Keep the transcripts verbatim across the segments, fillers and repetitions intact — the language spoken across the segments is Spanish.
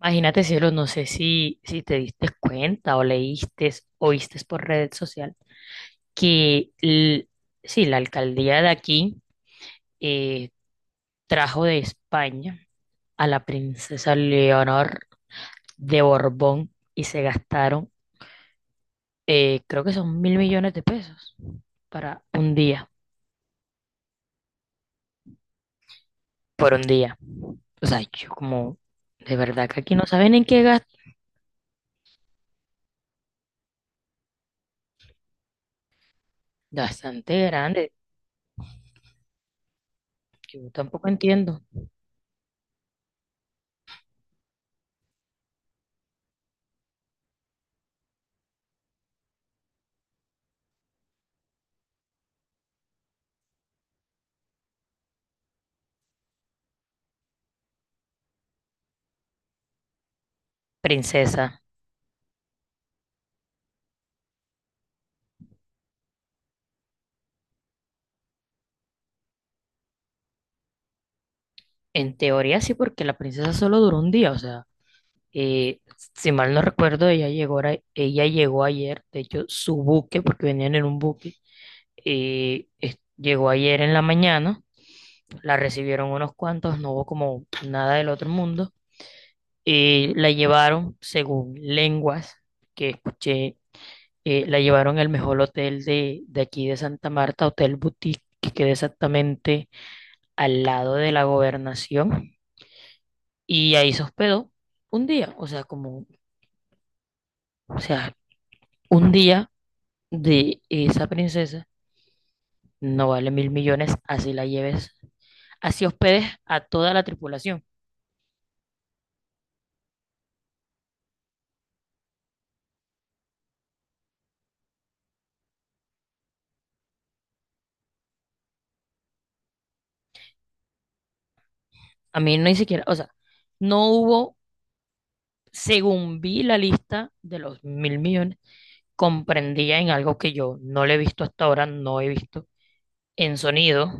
Imagínate, cielo, no sé si, si te diste cuenta o leíste o viste por red social que l- sí, la alcaldía de aquí eh, trajo de España a la princesa Leonor de Borbón y se gastaron, eh, creo que son mil millones de pesos para un día, por un día. O sea, yo como, de verdad que aquí no saben en qué gastan, bastante grande, yo tampoco entiendo. Princesa. En teoría sí, porque la princesa solo duró un día, o sea, eh, si mal no recuerdo, ella llegó, ahora- ella llegó ayer, de hecho, su buque, porque venían en un buque, eh, es- llegó ayer en la mañana, la recibieron unos cuantos, no hubo como nada del otro mundo, eh, la llevaron, según lenguas que escuché, eh, la llevaron al mejor hotel de, de aquí de Santa Marta, Hotel Boutique, que queda exactamente al lado de la gobernación. Y ahí se hospedó un día, o sea, como, o sea, un día de esa princesa no vale mil millones, así la lleves, así hospedes a toda la tripulación. A mí no ni siquiera, o sea, no hubo, según vi la lista de los mil millones, comprendía en algo que yo no le he visto hasta ahora, no he visto en sonido,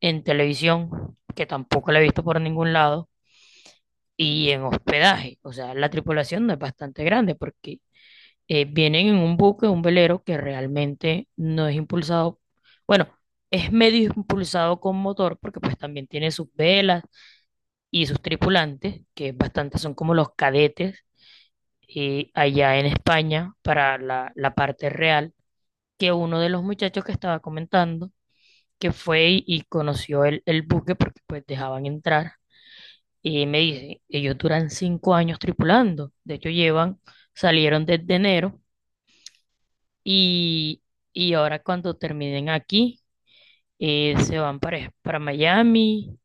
en televisión, que tampoco la he visto por ningún lado, y en hospedaje. O sea, la tripulación no es bastante grande porque eh, vienen en un buque, un velero que realmente no es impulsado, bueno, es medio impulsado con motor porque pues también tiene sus velas y sus tripulantes, que bastante son como los cadetes eh, allá en España para la, la parte real, que uno de los muchachos que estaba comentando, que fue y, y conoció el, el buque porque pues dejaban entrar. Y me dice, ellos duran cinco años tripulando. De hecho, llevan, salieron desde enero. Y, y ahora cuando terminen aquí, eh, se van para, para Miami,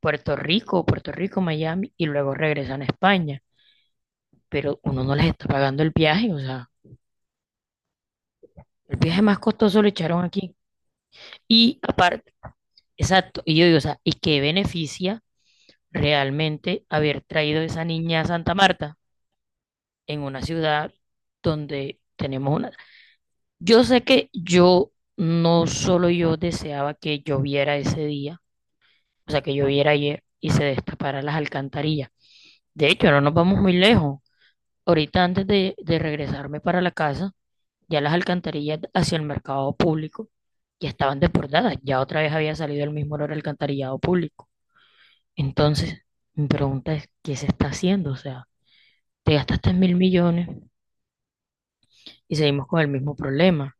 Puerto Rico, Puerto Rico, Miami, y luego regresan a España. Pero uno no les está pagando el viaje, o sea, el viaje más costoso lo echaron aquí. Y aparte, exacto, y yo digo, o sea, ¿y qué beneficia realmente haber traído esa niña a Santa Marta en una ciudad donde tenemos una. Yo sé que yo, no solo yo deseaba que lloviera ese día, o sea, que lloviera ayer y se destaparan las alcantarillas. De hecho, no nos vamos muy lejos. Ahorita antes de, de regresarme para la casa, ya las alcantarillas hacia el mercado público ya estaban desbordadas. Ya otra vez había salido el mismo olor al alcantarillado público. Entonces, mi pregunta es, ¿qué se está haciendo? O sea, te gastaste mil millones y seguimos con el mismo problema.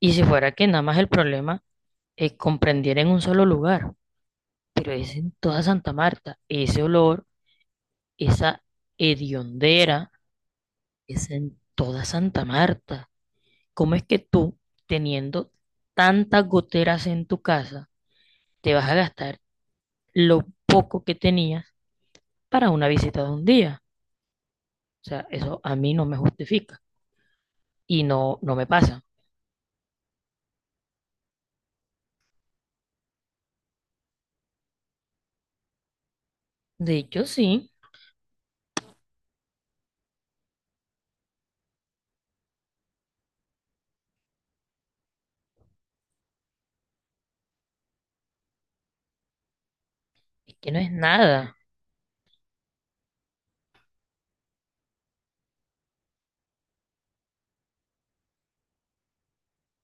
Y si fuera que nada más el problema es comprendiera en un solo lugar, pero es en toda Santa Marta. Ese olor esa hediondera es en toda Santa Marta. ¿Cómo es que tú, teniendo tantas goteras en tu casa, te vas a gastar lo poco que tenías para una visita de un día? O sea, eso a mí no me justifica y no, no me pasa. De hecho, sí, es que no es nada.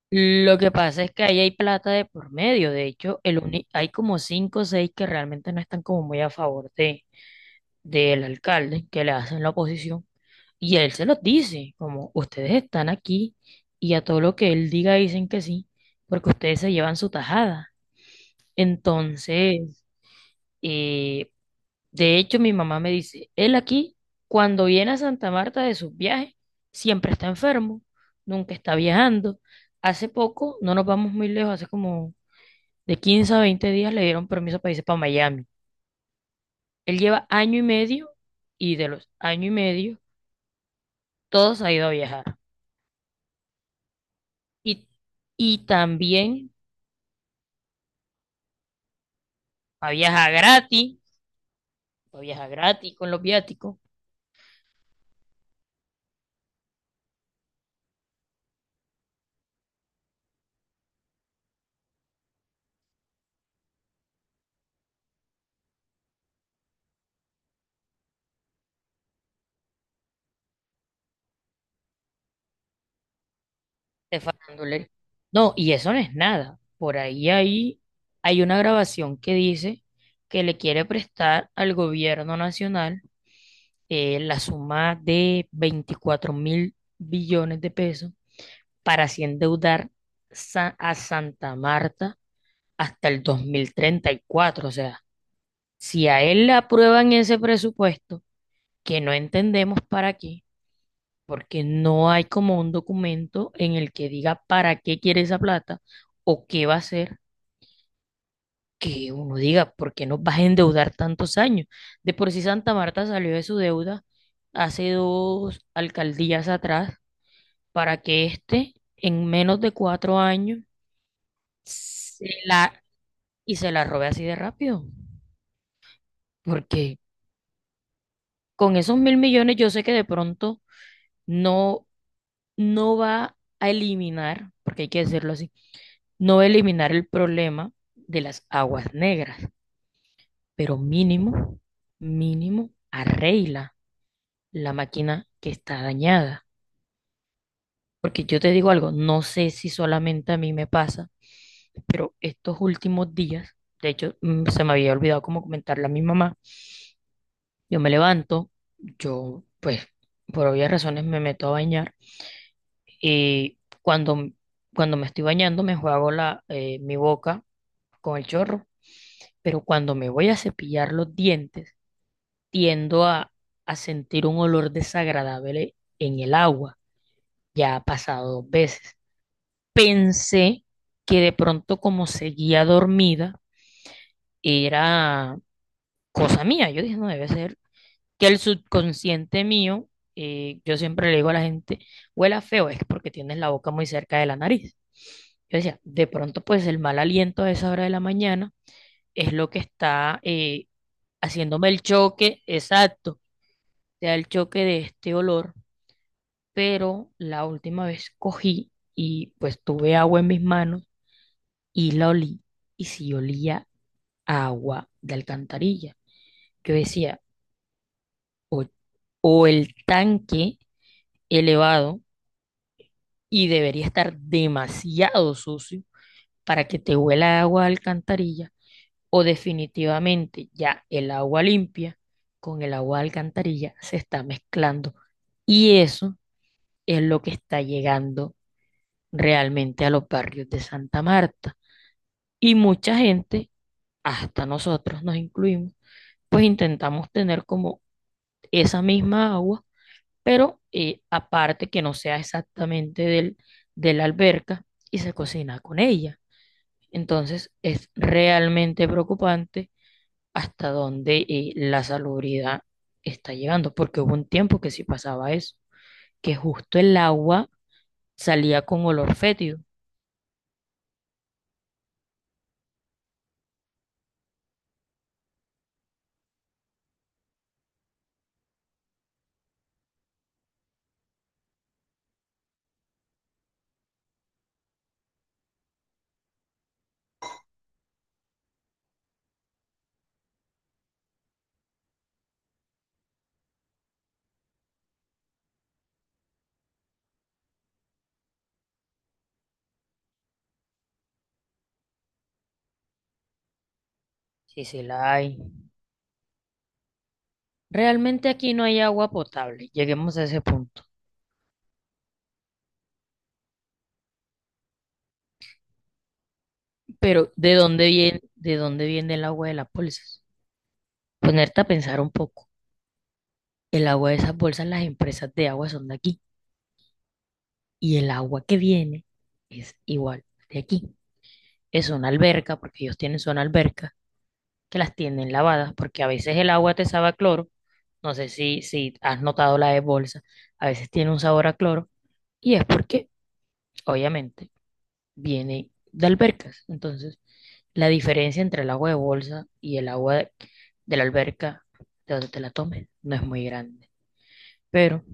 Lo que pasa es que ahí hay plata de por medio. De hecho, el uni- hay como cinco o seis que realmente no están como muy a favor de, del alcalde, que le hacen la oposición. Y él se los dice, como ustedes están aquí y a todo lo que él diga dicen que sí, porque ustedes se llevan su tajada. Entonces, eh, de hecho, mi mamá me dice, él aquí, cuando viene a Santa Marta de sus viajes, siempre está enfermo, nunca está viajando. Hace poco, no nos vamos muy lejos, hace como de quince a veinte días le dieron permiso para irse para Miami. Él lleva año y medio y de los año y medio, todos ha ido a viajar. Y y también pa' viajar gratis, pa' viajar gratis con los viáticos, te faltan dólares. No, y eso no es nada. Por ahí, ahí hay una grabación que dice que le quiere prestar al gobierno nacional eh, la suma de veinticuatro mil billones de pesos para así endeudar Sa- a Santa Marta hasta el dos mil treinta y cuatro. O sea, si a él le aprueban ese presupuesto, que no entendemos para qué, porque no hay como un documento en el que diga para qué quiere esa plata o qué va a hacer, que uno diga, ¿por qué nos vas a endeudar tantos años? De por sí Santa Marta salió de su deuda hace dos alcaldías atrás para que éste en menos de cuatro años se la, y se la robe así de rápido, porque con esos mil millones yo sé que de pronto no, no va a eliminar, porque hay que decirlo así, no eliminar el problema de las aguas negras, pero mínimo, mínimo, arregla la máquina que está dañada. Porque yo te digo algo, no sé si solamente a mí me pasa, pero estos últimos días, de hecho, mm, se me había olvidado como comentarle a mi mamá, yo me levanto, yo pues por obvias razones me meto a bañar y cuando, cuando me estoy bañando me juego la, eh, mi boca con el chorro, pero cuando me voy a cepillar los dientes, tiendo a, a sentir un olor desagradable en el agua. Ya ha pasado dos veces. Pensé que de pronto como seguía dormida, era cosa mía. Yo dije, no debe ser que el subconsciente mío, eh, yo siempre le digo a la gente, huela feo, es porque tienes la boca muy cerca de la nariz. Yo decía, de pronto pues el mal aliento a esa hora de la mañana es lo que está eh, haciéndome el choque, exacto, te da el choque de este olor, pero la última vez cogí y pues tuve agua en mis manos y la olí y si olía a agua de alcantarilla. Yo decía, o, o el tanque elevado y debería estar demasiado sucio para que te huela a agua de alcantarilla o definitivamente ya el agua limpia con el agua de alcantarilla se está mezclando. Y eso es lo que está llegando realmente a los barrios de Santa Marta. Y mucha gente, hasta nosotros nos incluimos, pues intentamos tener como esa misma agua, pero eh, aparte que no sea exactamente del, de la alberca y se cocina con ella. Entonces es realmente preocupante hasta dónde eh, la salubridad está llegando, porque hubo un tiempo que sí pasaba eso, que justo el agua salía con olor fétido. Sí, sí la hay. Realmente aquí no hay agua potable, lleguemos a ese punto. Pero ¿de dónde viene, de dónde viene el agua de las bolsas? Ponerte a pensar un poco. El agua de esas bolsas, las empresas de agua son de aquí. Y el agua que viene es igual de aquí. Es una alberca, porque ellos tienen su alberca, que las tienen lavadas, porque a veces el agua te sabe a cloro. No sé si, si has notado la de bolsa. A veces tiene un sabor a cloro. Y es porque, obviamente, viene de albercas. Entonces, la diferencia entre el agua de bolsa y el agua de, de la alberca, de donde te la tomes, no es muy grande. Pero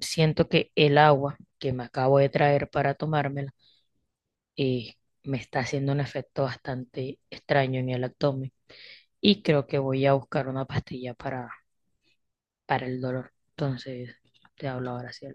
siento que el agua que me acabo de traer para tomármela eh, me está haciendo un efecto bastante extraño en el abdomen y creo que voy a buscar una pastilla para, para el dolor. Entonces, te hablo ahora sí.